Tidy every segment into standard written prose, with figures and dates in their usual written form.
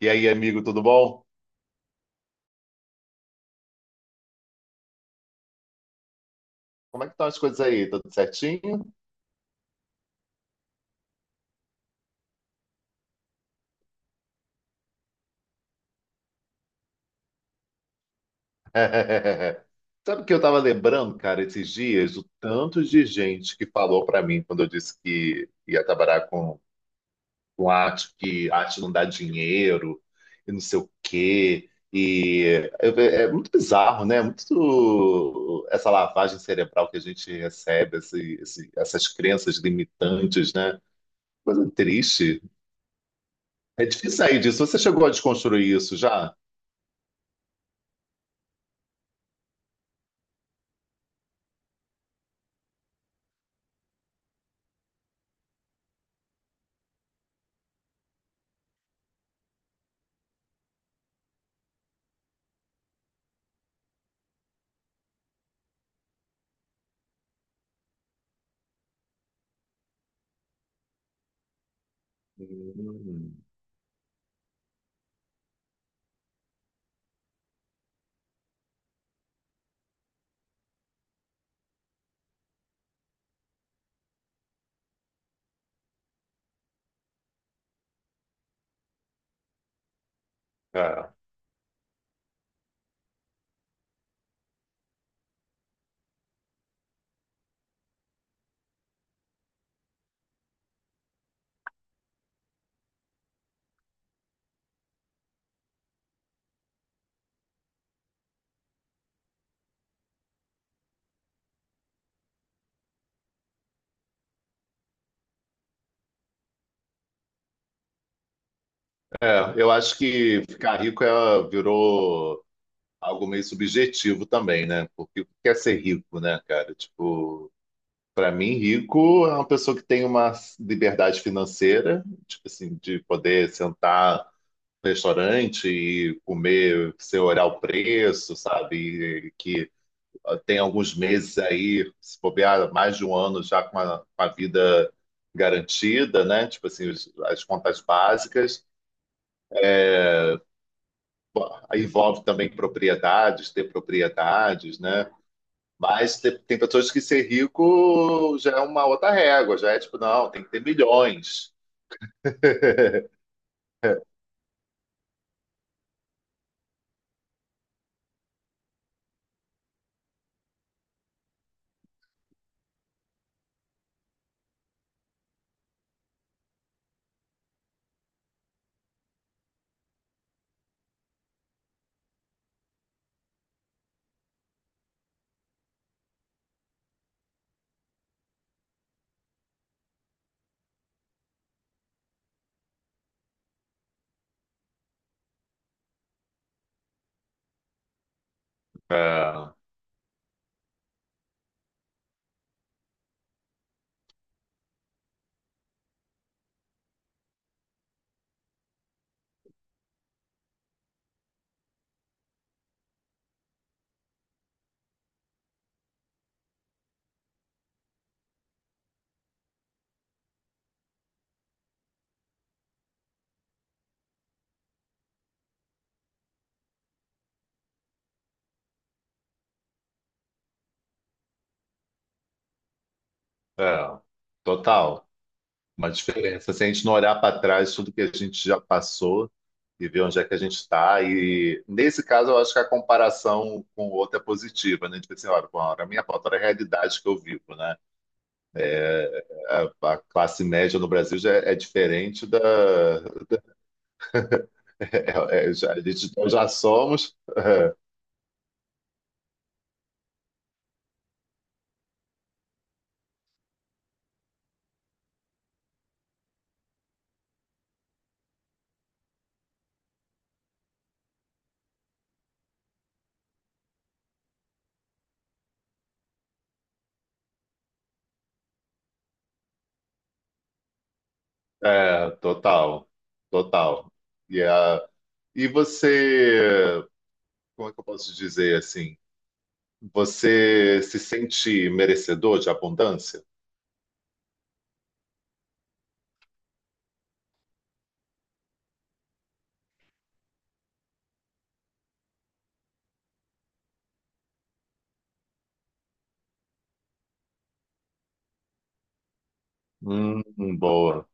E aí, amigo, tudo bom? Como é que estão as coisas aí? Tudo certinho? Sabe o que eu estava lembrando, cara, esses dias, o tanto de gente que falou para mim quando eu disse que ia trabalhar com arte, que arte não dá dinheiro e não sei o quê. E é muito bizarro, né? Muito essa lavagem cerebral que a gente recebe, essas crenças limitantes, né? Coisa triste. É difícil sair disso. Você chegou a desconstruir isso já? Hum. É, eu acho que ficar rico, virou algo meio subjetivo também, né? Porque o que é ser rico, né, cara? Tipo, para mim, rico é uma pessoa que tem uma liberdade financeira, tipo assim, de poder sentar no restaurante e comer sem olhar o preço, sabe? E que tem alguns meses aí, se bobear, mais de um ano já com a vida garantida, né? Tipo assim, as contas básicas. Aí envolve também propriedades, ter propriedades, né? Mas tem pessoas que ser rico já é uma outra régua, já é tipo, não, tem que ter milhões. É, é, total. Uma diferença. Se a gente não olhar para trás tudo que a gente já passou e ver onde é que a gente está. E nesse caso, eu acho que a comparação com o outro é positiva, né? Tipo assim, olha, bom, a minha foto era a realidade que eu vivo, né? A classe média no Brasil já é diferente da. Já, nós já somos. É, total, total. E, a, e você, como é que eu posso dizer assim? Você se sente merecedor de abundância? Boa.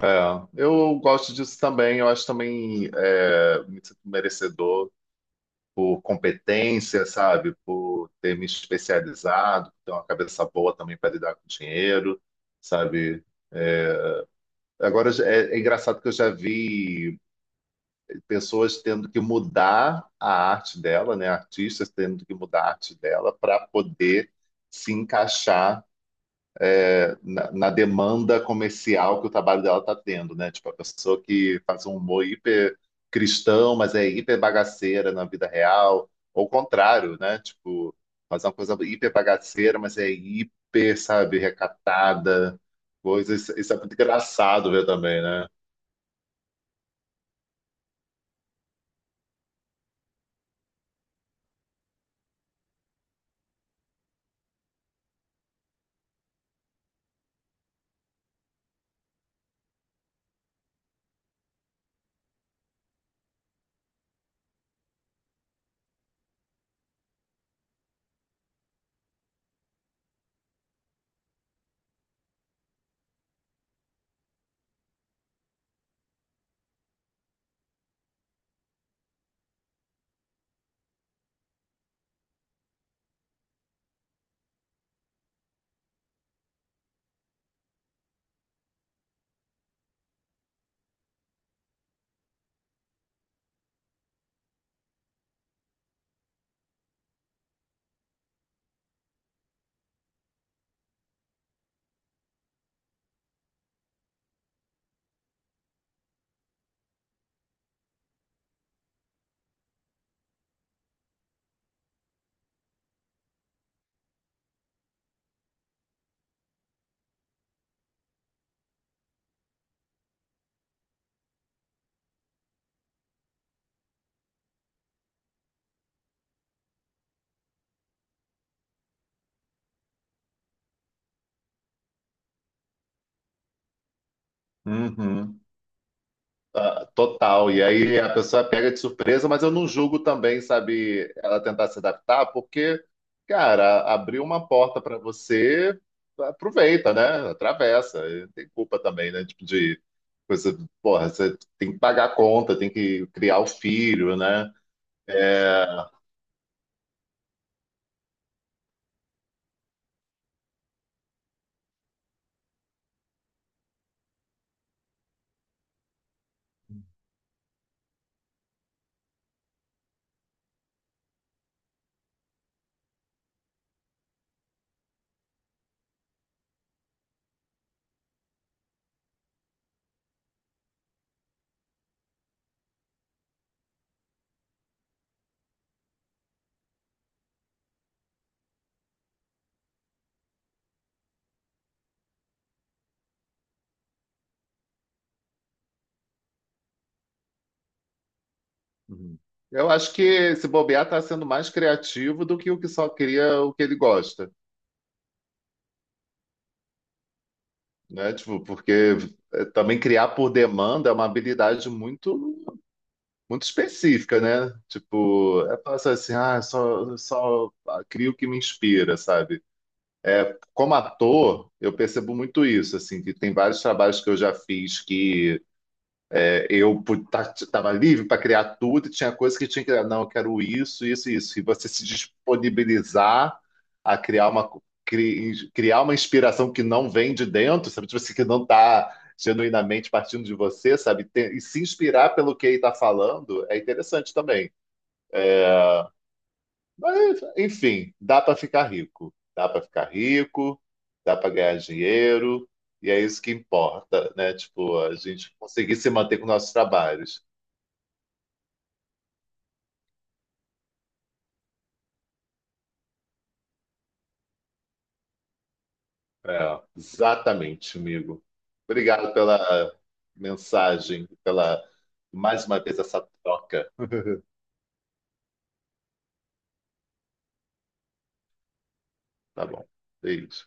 É, eu gosto disso também. Eu acho também, me sinto merecedor por competência, sabe? Por ter me especializado, por ter uma cabeça boa também para lidar com dinheiro, sabe? Agora é engraçado que eu já vi pessoas tendo que mudar a arte dela, né? Artistas tendo que mudar a arte dela para poder se encaixar na demanda comercial que o trabalho dela está tendo, né? Tipo, a pessoa que faz um humor hiper cristão, mas é hiper bagaceira na vida real, ou o contrário, né? Tipo, faz uma coisa hiper bagaceira, mas é hiper, sabe, recatada, coisas. Isso é muito engraçado ver também, né? Uhum. Ah, total. E aí a pessoa pega de surpresa, mas eu não julgo também, sabe, ela tentar se adaptar, porque, cara, abriu uma porta para você, aproveita, né? Atravessa. E não tem culpa também, né? Tipo de coisa, porra, você tem que pagar a conta, tem que criar o filho, né? É, uhum. Eu acho que esse bobear tá sendo mais criativo do que o que só cria o que ele gosta, né? Tipo, porque também criar por demanda é uma habilidade muito específica, né? Tipo, é passar assim, ah, só crio o que me inspira, sabe? É, como ator, eu percebo muito isso, assim, que tem vários trabalhos que eu já fiz que eu estava livre para criar tudo, e tinha coisas que tinha que criar. Não, eu quero isso, isso, isso. E você se disponibilizar a criar criar uma inspiração que não vem de dentro, sabe? Tipo assim, que não está genuinamente partindo de você, sabe? E se inspirar pelo que ele está falando é interessante também. Mas, enfim, dá para ficar rico. Dá para ficar rico, dá para ganhar dinheiro, e é isso que importa, né? Tipo, a gente conseguir se manter com nossos trabalhos. É, exatamente, amigo. Obrigado pela mensagem, pela mais uma vez essa troca. Tá bom. Beijo.